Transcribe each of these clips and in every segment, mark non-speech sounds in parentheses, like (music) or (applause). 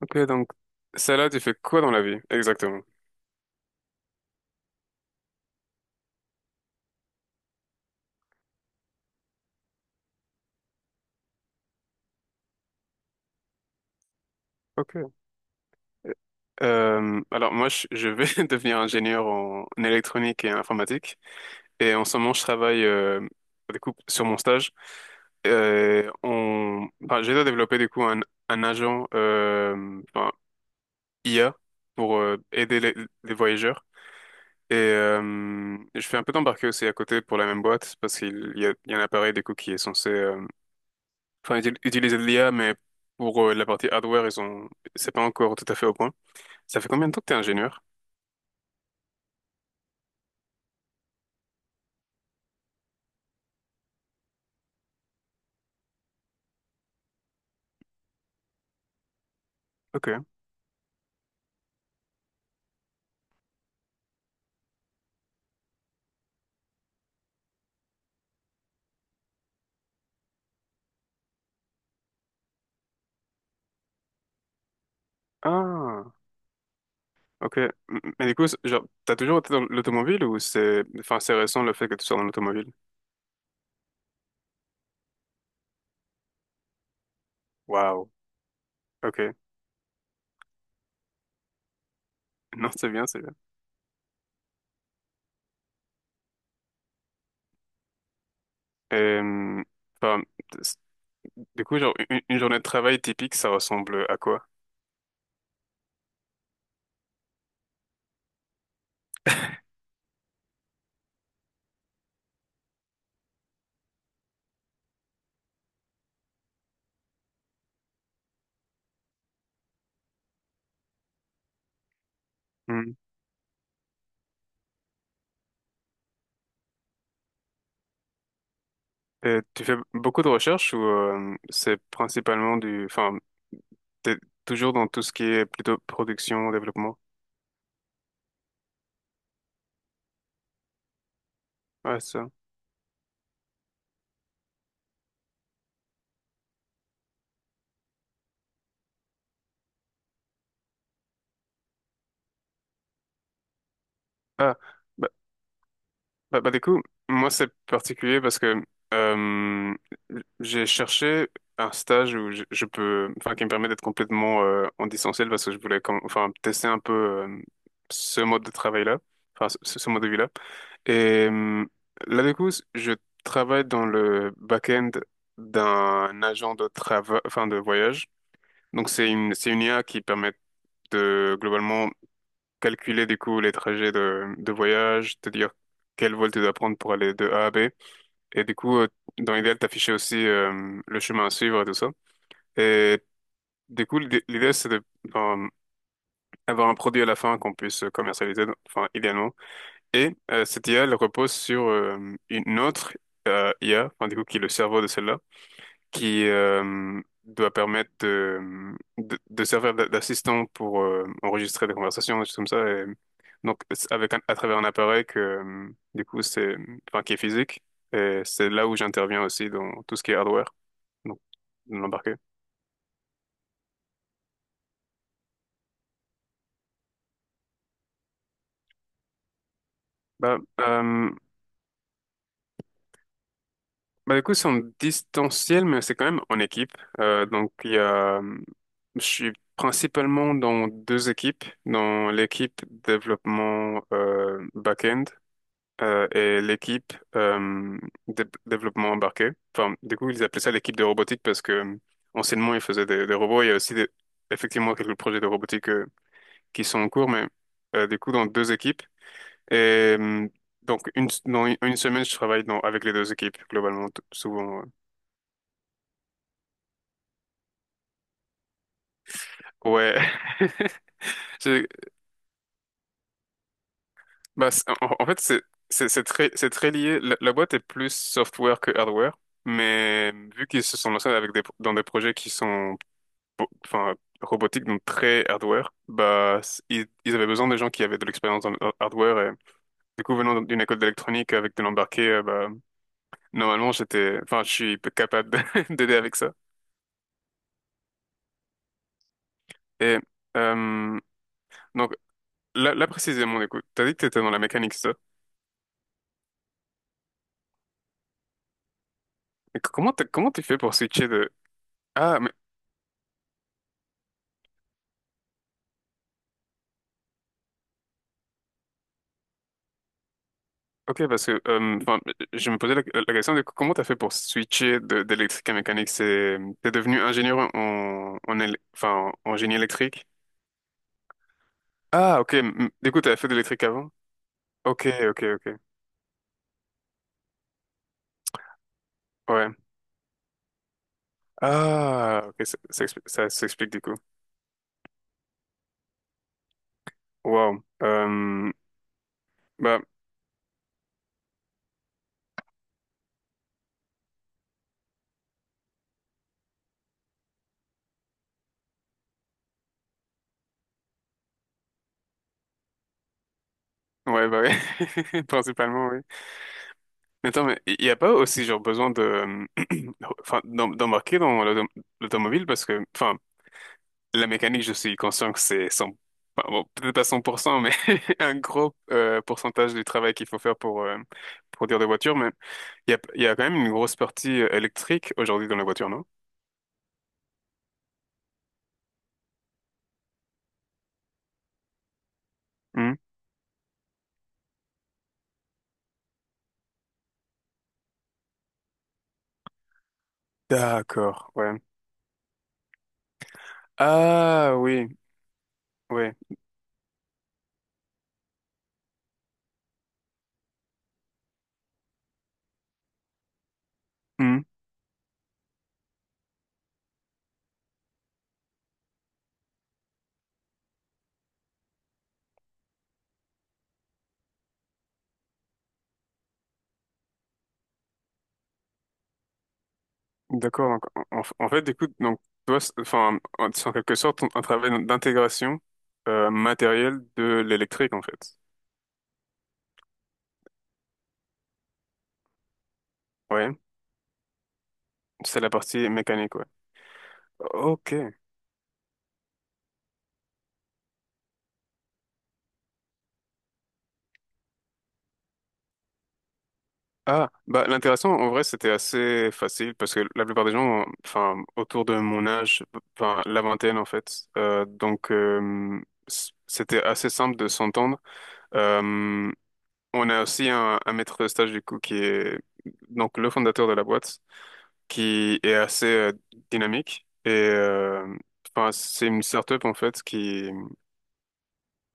Ok, donc celle-là, tu fais quoi dans la vie exactement? Ok. Alors moi, je vais (laughs) devenir ingénieur en électronique et informatique. Et en ce moment, je travaille du coup sur mon stage. J'ai développé du coup un agent IA pour aider les voyageurs. Et je fais un peu d'embarquer aussi à côté pour la même boîte parce qu'il y a un appareil du coup qui est censé ils utilisent de l'IA, mais pour la partie hardware, ils ont, c'est pas encore tout à fait au point. Ça fait combien de temps que t'es ingénieur? Ok. Ah, ok. Mais du coup, genre, t'as toujours été dans l'automobile ou c'est récent le fait que tu sois dans l'automobile? Waouh. Ok. (laughs) Non, c'est bien, c'est bien. Et, hum, enfin, c'est- du coup, genre, une journée de travail typique, ça ressemble à quoi? Hmm. Et tu fais beaucoup de recherches ou c'est principalement t'es toujours dans tout ce qui est plutôt production, développement? Ouais, ça. Ah, bah, bah, du coup, moi c'est particulier parce que euh, j'ai cherché un stage où je peux, enfin, qui me permet d'être complètement en distanciel parce que je voulais, comme, enfin, tester un peu ce mode de travail-là, enfin, ce mode de vie-là. Et là, du coup, je travaille dans le back-end d'un agent de travail, enfin, de voyage. Donc, c'est une IA qui permet de globalement calculer du coup les trajets de voyage, te dire quel vol tu dois prendre pour aller de A à B. Et du coup, dans l'idéal, t'afficher aussi le chemin à suivre et tout ça. Et du coup, l'idée, c'est de euh, avoir un produit à la fin qu'on puisse commercialiser, enfin idéalement. Et cette IA, elle repose sur une autre IA, enfin, du coup, qui est le cerveau de celle-là qui doit permettre de servir d'assistant pour enregistrer des conversations, des choses comme ça. Et donc, c'est avec à travers un appareil que, du coup, qui est physique. Et c'est là où j'interviens aussi dans tout ce qui est hardware, donc l'embarqué. Bah, euh, bah, du coup, c'est en distanciel, mais c'est quand même en équipe. Donc, je suis principalement dans deux équipes, dans l'équipe développement back-end et l'équipe développement embarqué. Enfin, du coup, ils appelaient ça l'équipe de robotique parce que anciennement, ils faisaient des robots. Il y a aussi effectivement quelques projets de robotique qui sont en cours, mais du coup, dans deux équipes. Et dans une semaine, je travaille avec les deux équipes, globalement, souvent. Ouais. (laughs) C'est- En fait, c'est très lié. La boîte est plus software que hardware. Mais vu qu'ils se sont lancés dans des projets qui sont bo- enfin, robotique, donc très hardware, bah, ils avaient besoin de gens qui avaient de l'expérience en hardware. Et, du coup, venant d'une école d'électronique avec de l'embarqué, bah, normalement, je suis capable (laughs) d'aider avec ça. Et euh, donc, là précisément, du coup, t'as dit que t'étais dans la mécanique, c'est ça. Et comment t'as fait pour switcher de... Ah, mais ok, parce que, je me posais la question, du coup, comment t'as fait pour switcher d'électrique à mécanique? T'es devenu ingénieur en génie électrique? Ah, ok. Du coup, t'avais fait de l'électrique avant? Ok, ok, ok. Ouais. Ah, ok, ça s'explique du coup. Wow. Bah, ouais, bah ouais. (laughs) Principalement, oui. Mais attends, mais il n'y a pas aussi genre besoin de, (clears throat) enfin, d'embarquer dans l'automobile parce que, enfin, la mécanique, je suis conscient que c'est 100, enfin, bon, peut-être pas 100%, mais (laughs) un gros pourcentage du travail qu'il faut faire pour produire des voitures. Mais il y a quand même une grosse partie électrique aujourd'hui dans la voiture, non? Hmm. D'accord, ouais. Ah oui, ouais. Hmm, d'accord. Donc, en fait, écoute, donc toi, c'est en quelque sorte un travail d'intégration matérielle de l'électrique, en fait. Ouais. C'est la partie mécanique, ouais. Ok. Ah, bah l'intéressant, en vrai, c'était assez facile parce que la plupart des gens, enfin, autour de mon âge, enfin, la vingtaine, en fait, donc c'était assez simple de s'entendre. Euh, On a aussi un maître de stage du coup qui est donc le fondateur de la boîte, qui est assez dynamique et enfin c'est une startup en fait qui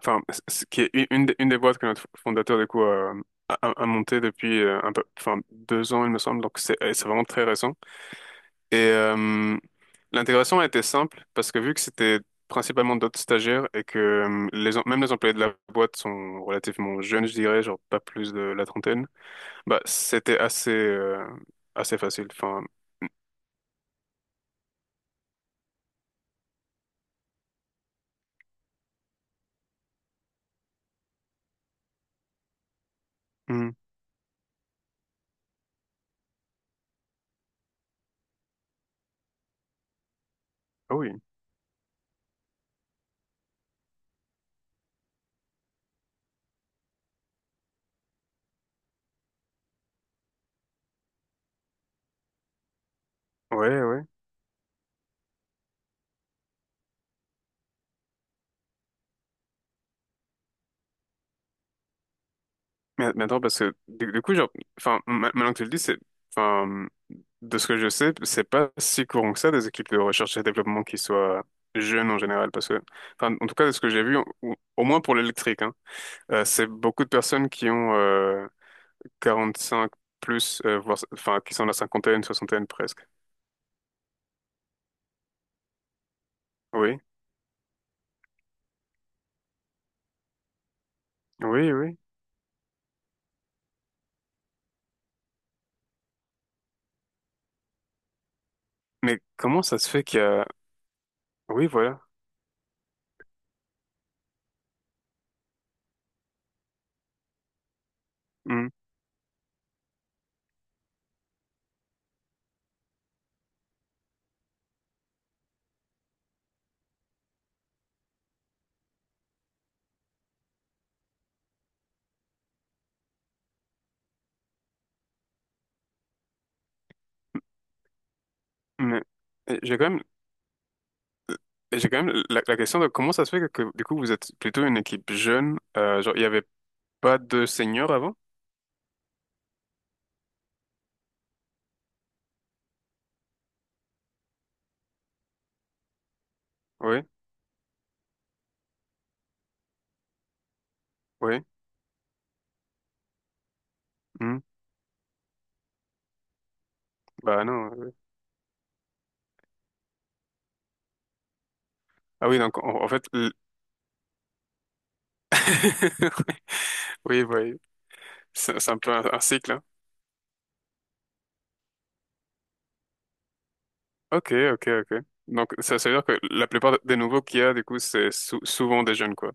enfin qui est une des boîtes que notre fondateur du coup a montée depuis un peu enfin 2 ans il me semble. Donc c'est vraiment très récent, et l'intégration a été simple parce que vu que c'était principalement d'autres stagiaires et que même les employés de la boîte sont relativement jeunes, je dirais genre pas plus de la trentaine. Bah, c'était assez, assez facile. Enfin, Mhm. Ah oui, ouais, ouais. Mais attends, parce que du coup, genre, enfin, maintenant que tu le dis, enfin, de ce que je sais, c'est pas si courant que ça des équipes de recherche et développement qui soient jeunes en général, parce que, enfin, en tout cas, de ce que j'ai vu, au moins pour l'électrique, hein, c'est beaucoup de personnes qui ont 45 plus, voire, enfin, qui sont la cinquantaine, soixantaine presque. Oui, oui, oui. Mais comment ça se fait qu'il y a... Oui, voilà. Hmm. Mais euh, j'ai quand même, j'ai quand même la question de comment ça se fait que, du coup, vous êtes plutôt une équipe jeune. Genre, il n'y avait pas de seniors avant? Oui, oui. Hmm. Bah non. Oui. Ah oui, donc, en fait... (laughs) Oui, oui. C'est un peu un cycle, hein. Ok, ok, ok. Donc, ça veut dire que la plupart des nouveaux qu'il y a, du coup, c'est souvent des jeunes, quoi.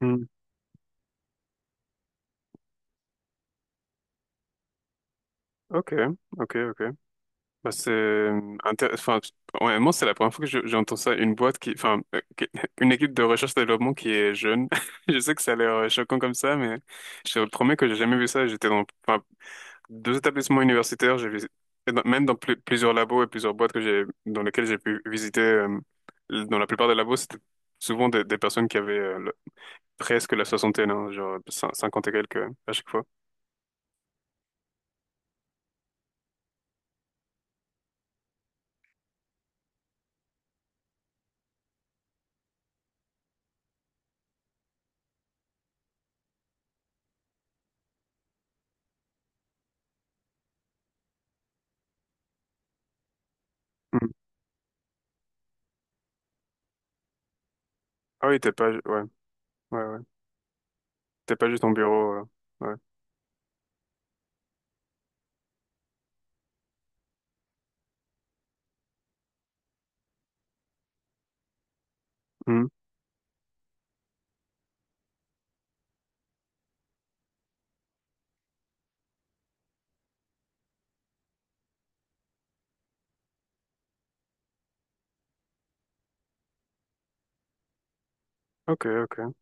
Hmm. Ok, ok, ok. Bah, enfin, ouais, moi, c'est la première fois que j'entends ça. Une boîte qui, enfin, qui- (laughs) Une équipe de recherche et développement qui est jeune. (laughs) Je sais que ça a l'air choquant comme ça, mais je te promets que j'ai jamais vu ça. J'étais dans deux établissements universitaires. J'ai visité, même dans plusieurs labos et plusieurs boîtes dans lesquelles j'ai pu visiter. Dans la plupart des labos, c'était souvent des personnes qui avaient presque la soixantaine, hein, genre cinquante et quelques à chaque fois. Hmm. Ah oui, t'es pas, ouais, ouais, ouais. T'es pas juste en bureau. Ouais. Hmm. Ok, ok.